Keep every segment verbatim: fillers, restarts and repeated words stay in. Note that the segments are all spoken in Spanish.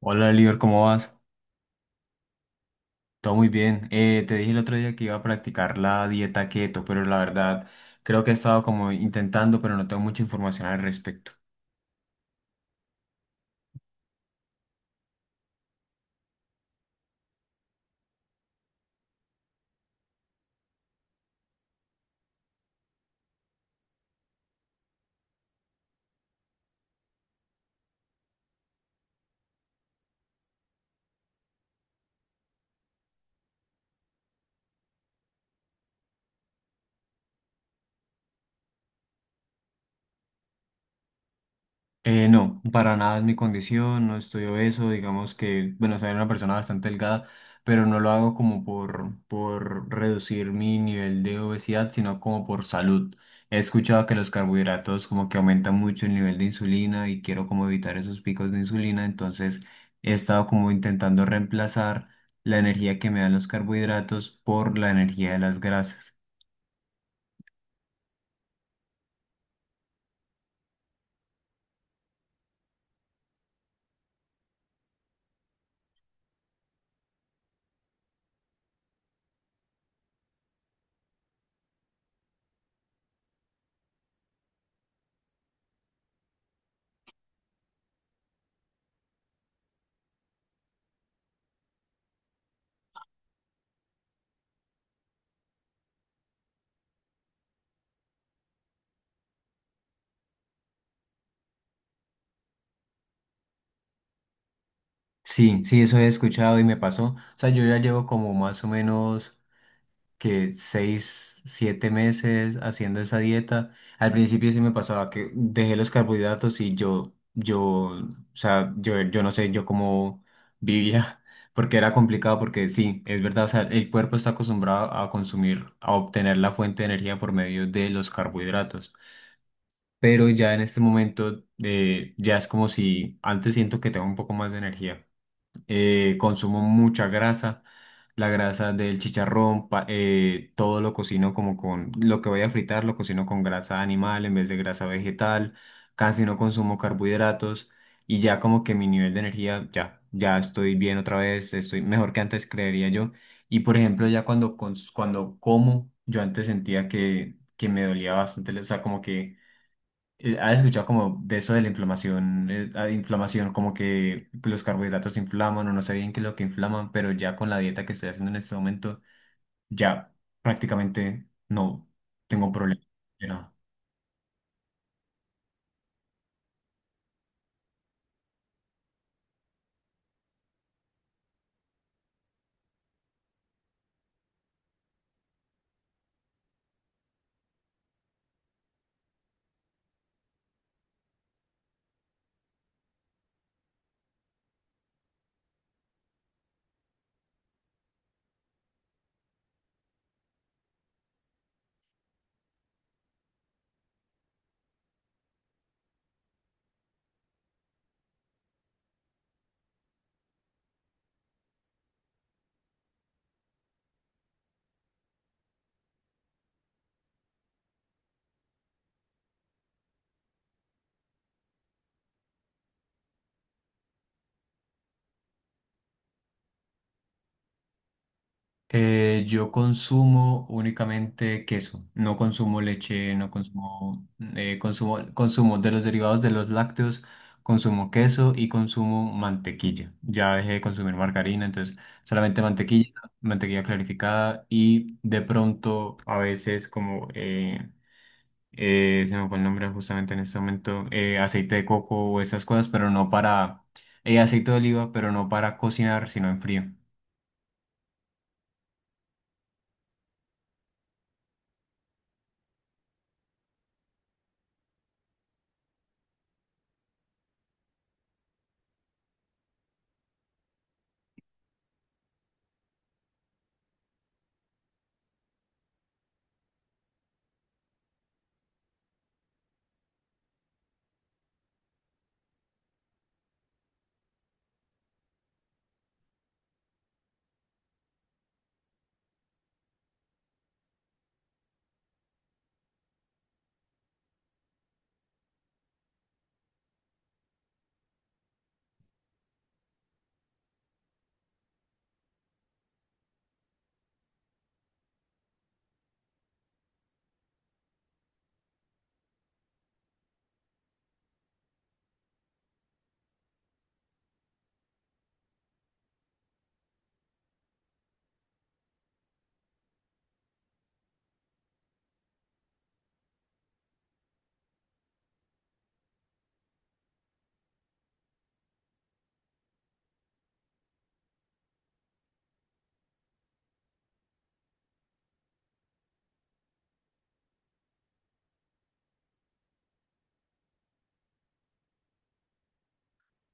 Hola, Lior, ¿cómo vas? Todo muy bien. Eh, te dije el otro día que iba a practicar la dieta keto, pero la verdad creo que he estado como intentando, pero no tengo mucha información al respecto. Eh, no, para nada es mi condición, no estoy obeso, digamos que, bueno, soy una persona bastante delgada, pero no lo hago como por, por reducir mi nivel de obesidad, sino como por salud. He escuchado que los carbohidratos como que aumentan mucho el nivel de insulina y quiero como evitar esos picos de insulina, entonces he estado como intentando reemplazar la energía que me dan los carbohidratos por la energía de las grasas. Sí, sí, eso he escuchado y me pasó. O sea, yo ya llevo como más o menos que seis, siete meses haciendo esa dieta. Al principio sí me pasaba que dejé los carbohidratos y yo, yo, o sea, yo, yo no sé, yo cómo vivía, porque era complicado, porque sí, es verdad, o sea, el cuerpo está acostumbrado a consumir, a obtener la fuente de energía por medio de los carbohidratos. Pero ya en este momento, eh, ya es como si antes siento que tengo un poco más de energía eh, consumo mucha grasa, la grasa del chicharrón, pa- eh, todo lo cocino como con, lo que voy a fritar lo cocino con grasa animal en vez de grasa vegetal, casi no consumo carbohidratos y ya como que mi nivel de energía, ya, ya estoy bien otra vez, estoy mejor que antes creería yo. Y por ejemplo, ya cuando, cons- cuando como, yo antes sentía que, que me dolía bastante, o sea, como que eh, ¿has escuchado como de eso de la inflamación? Eh, ah, inflamación, como que los carbohidratos inflaman o no sé bien qué es lo que inflaman, pero ya con la dieta que estoy haciendo en este momento, ya prácticamente no tengo problema. Eh, yo consumo únicamente queso, no consumo leche, no consumo, eh, consumo, consumo de los derivados de los lácteos, consumo queso y consumo mantequilla. Ya dejé de consumir margarina, entonces solamente mantequilla, mantequilla clarificada y de pronto a veces como, eh, eh, se me fue el nombre justamente en este momento, eh, aceite de coco o esas cosas, pero no para, eh, aceite de oliva, pero no para cocinar, sino en frío.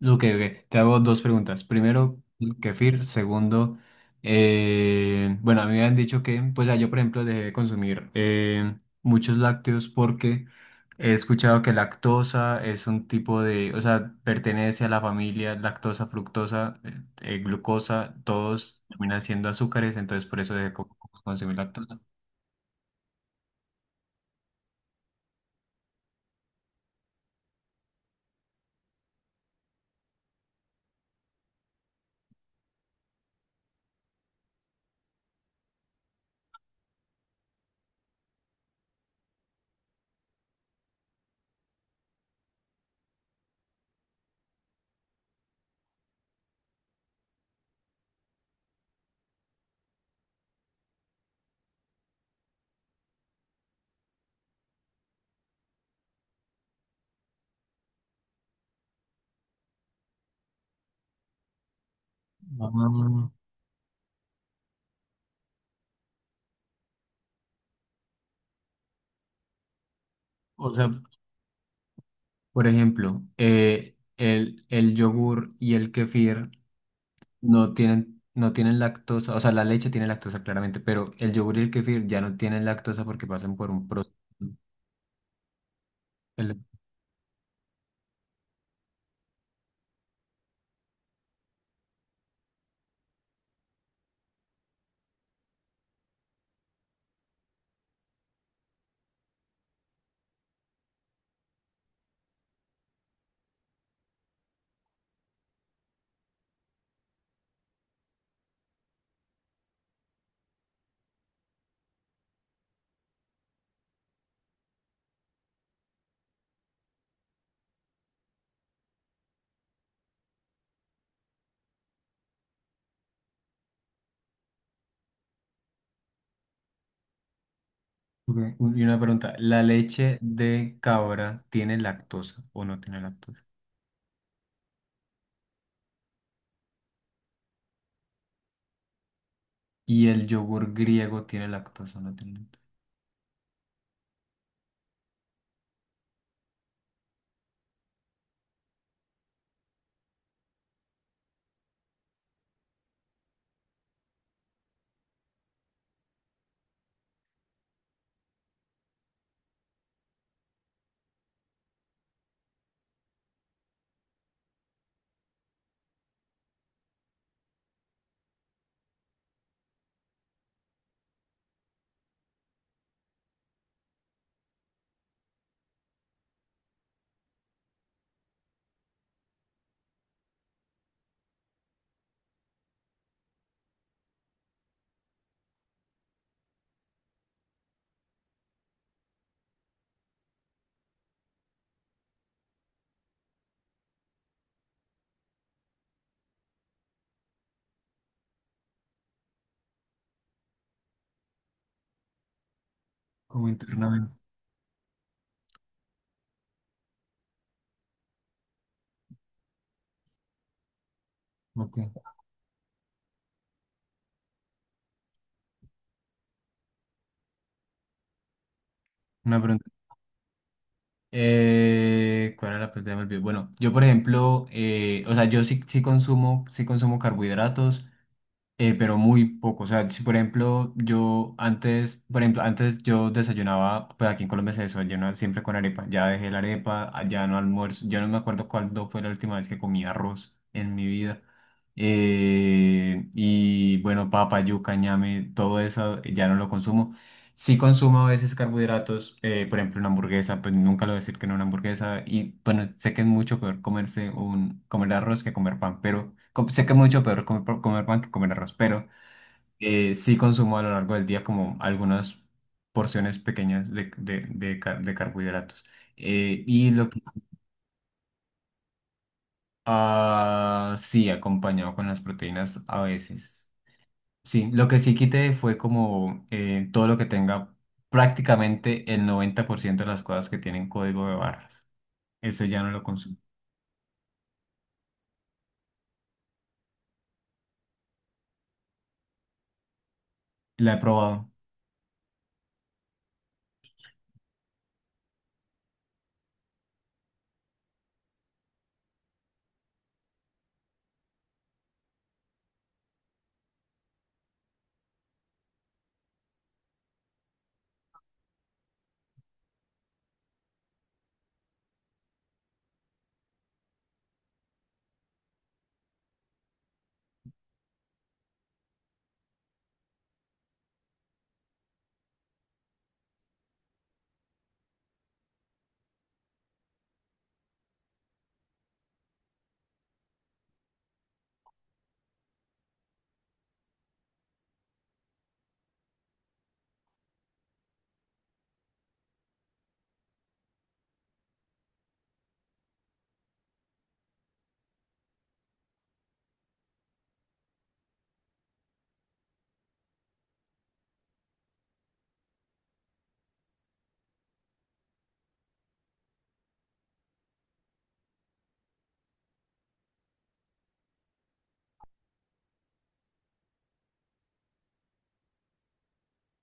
Ok, ok. Te hago dos preguntas. Primero, el kefir. Segundo, eh, bueno, a mí me han dicho que, pues ya yo, por ejemplo, dejé de consumir eh, muchos lácteos porque he escuchado que lactosa es un tipo de, o sea, pertenece a la familia lactosa, fructosa, eh, eh, glucosa, todos terminan siendo azúcares, entonces por eso dejé de consumir lactosa. Ah, o sea, por ejemplo, eh, el, el yogur y el kefir. No tienen, no tienen lactosa, o sea, la leche tiene lactosa claramente, pero el yogur y el kefir ya no tienen lactosa porque pasan por un proceso. El- ok, un- y una pregunta, ¿la leche de cabra tiene lactosa o no tiene lactosa? ¿Y el yogur griego tiene lactosa o no tiene lactosa? Como internamente. Ok, una pregunta. Eh, ¿cuál era la pregunta? Ya me olvidé. Bueno, yo por ejemplo, eh, o sea, yo sí, sí consumo, sí consumo carbohidratos. Eh, pero muy poco. O sea, si por ejemplo yo antes, por ejemplo, antes yo desayunaba, pues aquí en Colombia se desayuna siempre con arepa. Ya dejé la arepa, ah, ya no almuerzo. Yo no me acuerdo cuándo fue la última vez que comí arroz en mi vida. Eh, y bueno, papa, yuca, ñame, todo eso eh, ya no lo consumo. Sí consumo a veces carbohidratos, eh, por ejemplo una hamburguesa, pues nunca lo voy a decir que no a una hamburguesa y bueno, sé que es mucho peor comerse un, comer arroz que comer pan, pero com- sé que es mucho peor comer, pa- comer pan que comer arroz, pero eh, sí consumo a lo largo del día como algunas porciones pequeñas de, de, de, car- de carbohidratos. Eh, y lo que Ah, sí, acompañado con las proteínas a veces. Sí, lo que sí quité fue como eh, todo lo que tenga prácticamente el noventa por ciento de las cosas que tienen código de barras. Eso ya no lo consumo. La he probado.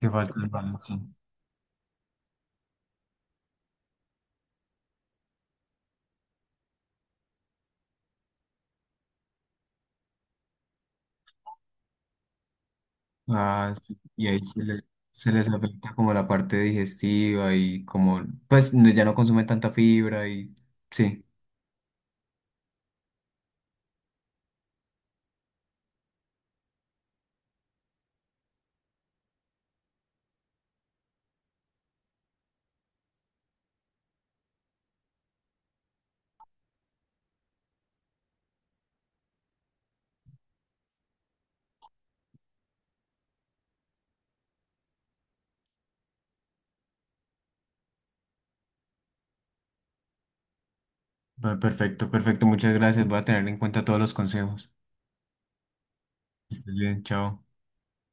Que falta el balance. Ah, sí. Y ahí se, le- se les afecta como la parte digestiva y como, pues no- ya no consumen tanta fibra y sí. Ah, perfecto, perfecto. Muchas gracias. Voy a tener en cuenta todos los consejos. Que estés bien, chao.